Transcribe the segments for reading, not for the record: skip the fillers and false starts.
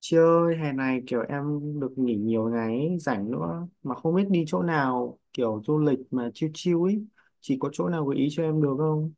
Chị ơi, hè này kiểu em được nghỉ nhiều ngày ấy, rảnh nữa mà không biết đi chỗ nào kiểu du lịch mà chill chill ấy. Chị có chỗ nào gợi ý cho em được không?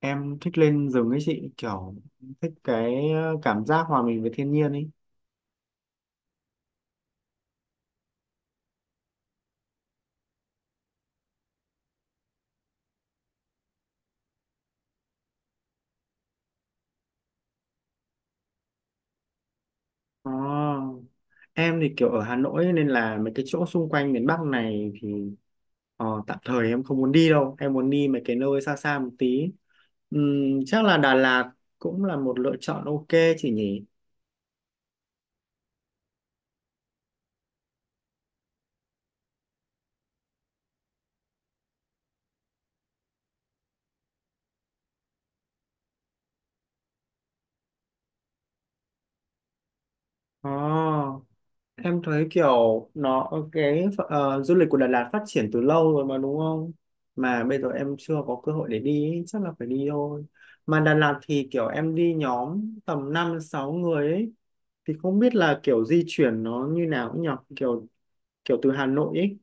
Em thích lên rừng ấy chị, kiểu thích cái cảm giác hòa mình với thiên nhiên ấy. À, em thì kiểu ở Hà Nội ấy, nên là mấy cái chỗ xung quanh miền Bắc này thì tạm thời em không muốn đi đâu. Em muốn đi mấy cái nơi xa xa một tí. Chắc là Đà Lạt cũng là một lựa chọn ok chị nhỉ? Ờ. Em thấy kiểu nó cái du lịch của Đà Lạt phát triển từ lâu rồi mà đúng không? Mà bây giờ em chưa có cơ hội để đi ý, chắc là phải đi thôi. Mà Đà Lạt thì kiểu em đi nhóm tầm 5 6 người ấy thì không biết là kiểu di chuyển nó như nào cũng nhỉ, kiểu kiểu từ Hà Nội ấy.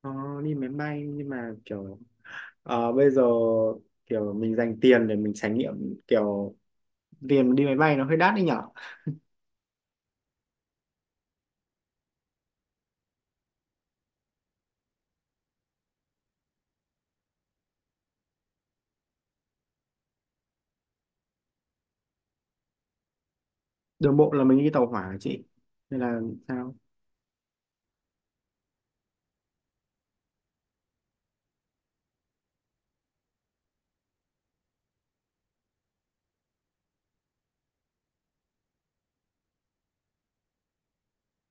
ờ, Đi máy bay nhưng mà kiểu bây giờ kiểu mình dành tiền để mình trải nghiệm kiểu tiền đi máy bay nó hơi đắt đấy nhỉ. Đường bộ là mình đi tàu hỏa hả chị. Nên là sao?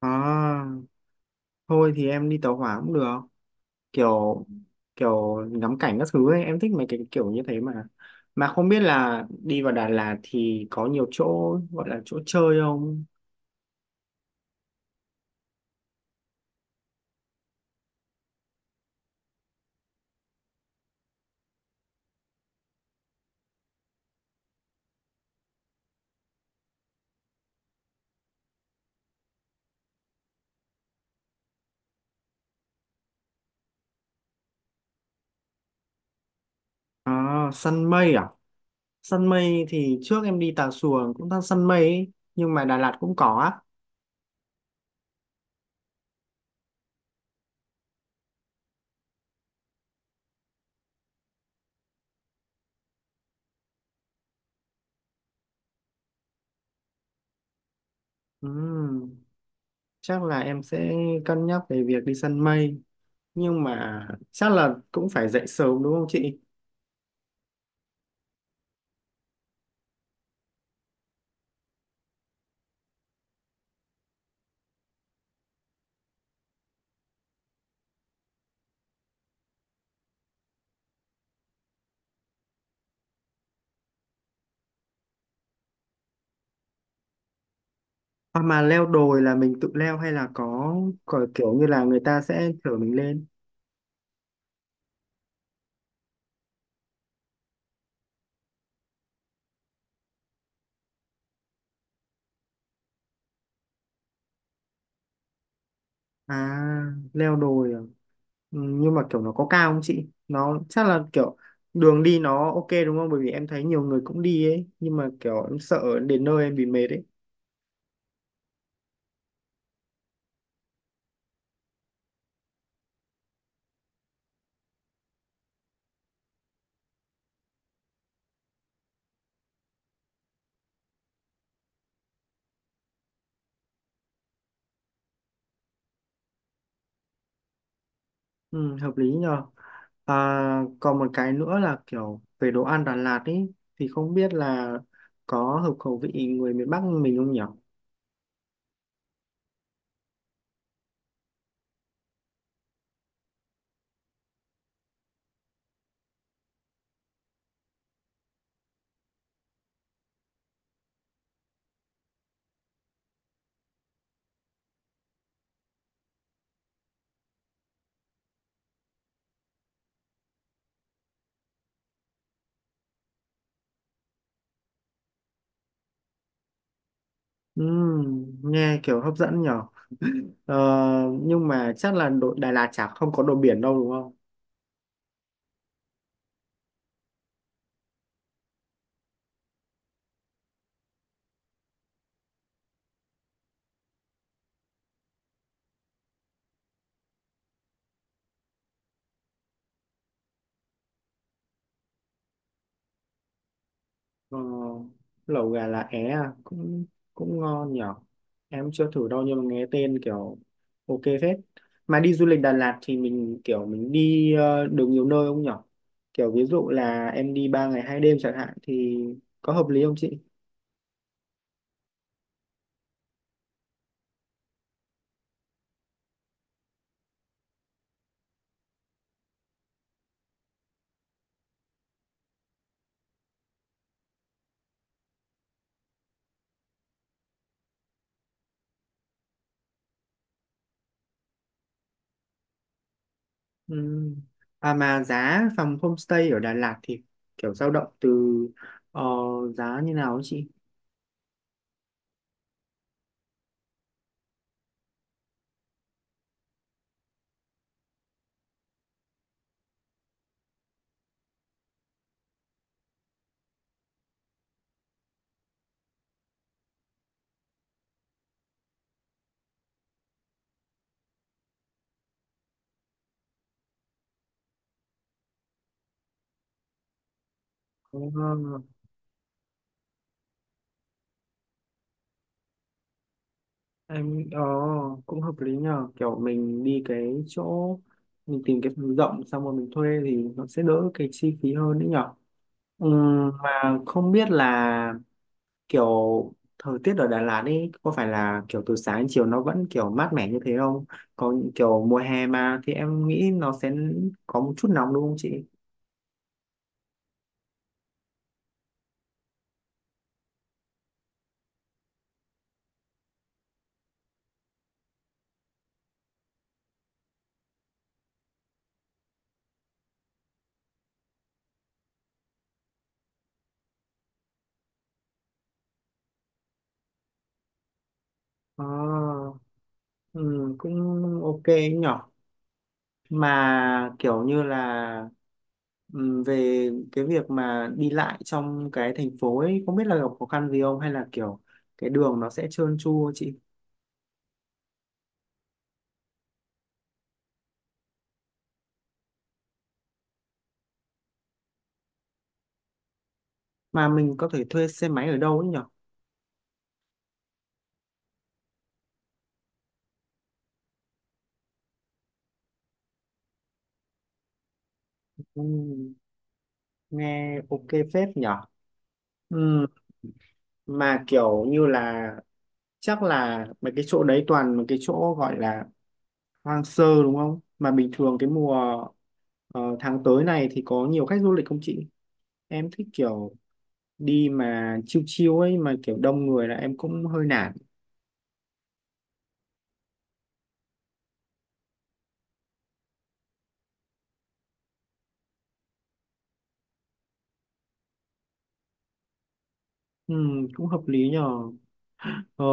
À, thôi thì em đi tàu hỏa cũng được, kiểu kiểu ngắm cảnh các thứ ấy em thích mấy cái kiểu như thế mà không biết là đi vào Đà Lạt thì có nhiều chỗ gọi là chỗ chơi không? À, săn mây à? Săn mây thì trước em đi Tà Xùa cũng đang săn mây ấy, nhưng mà Đà Lạt cũng có á. Ừm, chắc là em sẽ cân nhắc về việc đi săn mây, nhưng mà chắc là cũng phải dậy sớm đúng không chị? Hoặc mà leo đồi là mình tự leo hay là có kiểu như là người ta sẽ chở mình lên? À, leo đồi à? Ừ, nhưng mà kiểu nó có cao không chị? Nó chắc là kiểu đường đi nó ok đúng không? Bởi vì em thấy nhiều người cũng đi ấy. Nhưng mà kiểu em sợ đến nơi em bị mệt ấy. Ừ, hợp lý nhờ. À, còn một cái nữa là kiểu về đồ ăn Đà Lạt ấy. Thì không biết là có hợp khẩu vị người miền Bắc mình không nhỉ? Nghe kiểu hấp dẫn nhở. Ờ, nhưng mà chắc là đội Đà Lạt chả không có đồ biển đâu đúng không? Ờ, lẩu gà lá é à, cũng cũng ngon nhở, em chưa thử đâu nhưng mà nghe tên kiểu ok phết. Mà đi du lịch Đà Lạt thì mình kiểu mình đi được nhiều nơi không nhở, kiểu ví dụ là em đi 3 ngày hai đêm chẳng hạn thì có hợp lý không chị? Ừm. À mà giá phòng homestay ở Đà Lạt thì kiểu dao động từ ờ, giá như nào ấy chị? Ờ, em cũng hợp lý nhờ, kiểu mình đi cái chỗ mình tìm cái phòng rộng xong rồi mình thuê thì nó sẽ đỡ cái chi phí hơn đấy nhở. Mà không biết là kiểu thời tiết ở Đà Lạt ấy có phải là kiểu từ sáng đến chiều nó vẫn kiểu mát mẻ như thế không, còn kiểu mùa hè mà thì em nghĩ nó sẽ có một chút nóng đúng không chị? Ờ, cũng ok nhỉ. Mà kiểu như là, về cái việc mà đi lại trong cái thành phố ấy không biết là gặp khó khăn gì không hay là kiểu cái đường nó sẽ trơn tru chị? Mà mình có thể thuê xe máy ở đâu ấy nhở? Ừm, nghe ok phết nhở. Ừm, mà kiểu như là chắc là mấy cái chỗ đấy toàn mấy cái chỗ gọi là hoang sơ đúng không, mà bình thường cái mùa tháng tới này thì có nhiều khách du lịch không chị? Em thích kiểu đi mà chiêu chiêu ấy, mà kiểu đông người là em cũng hơi nản. Ừ, cũng hợp lý nhờ. Ờ,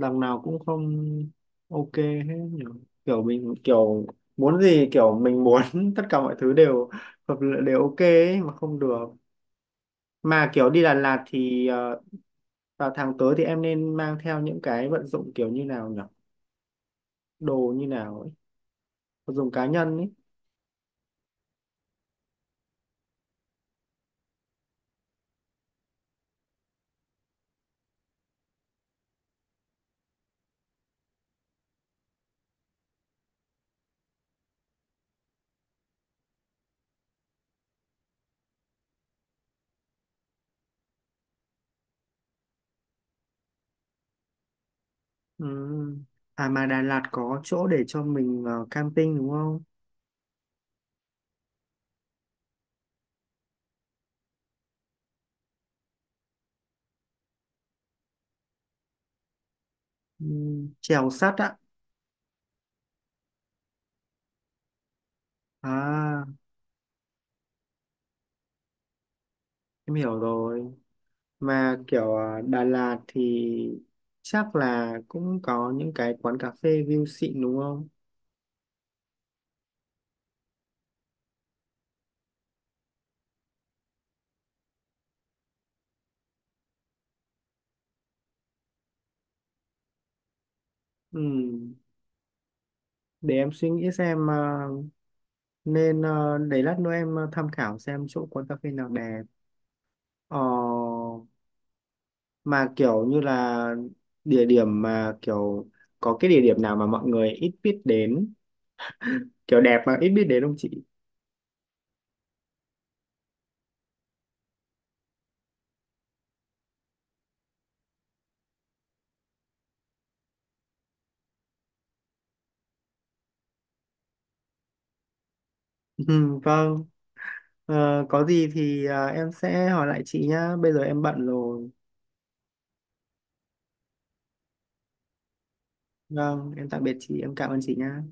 đằng nào cũng không ok hết nhờ, kiểu mình kiểu muốn gì kiểu mình muốn tất cả mọi thứ đều hợp lệ đều ok ấy, mà không được. Mà kiểu đi Đà Lạt thì vào tháng tới thì em nên mang theo những cái vận dụng kiểu như nào nhỉ, đồ như nào ấy, vật dụng cá nhân ấy. Ừ. À mà Đà Lạt có chỗ để cho mình camping đúng không? Ừ. Chèo sắt á. À, em hiểu rồi. Mà kiểu à, Đà Lạt thì chắc là cũng có những cái quán cà phê view xịn đúng không? Ừ. Để em suy nghĩ xem à, nên à, để lát nữa em à, tham khảo xem chỗ quán cà phê nào đẹp. Ờ, mà kiểu như là địa điểm mà kiểu có cái địa điểm nào mà mọi người ít biết đến, kiểu đẹp mà ít biết đến không chị? Ừ, vâng. Ờ, có gì thì à, em sẽ hỏi lại chị nhá. Bây giờ em bận rồi. Vâng, em tạm biệt chị, em cảm ơn chị nha.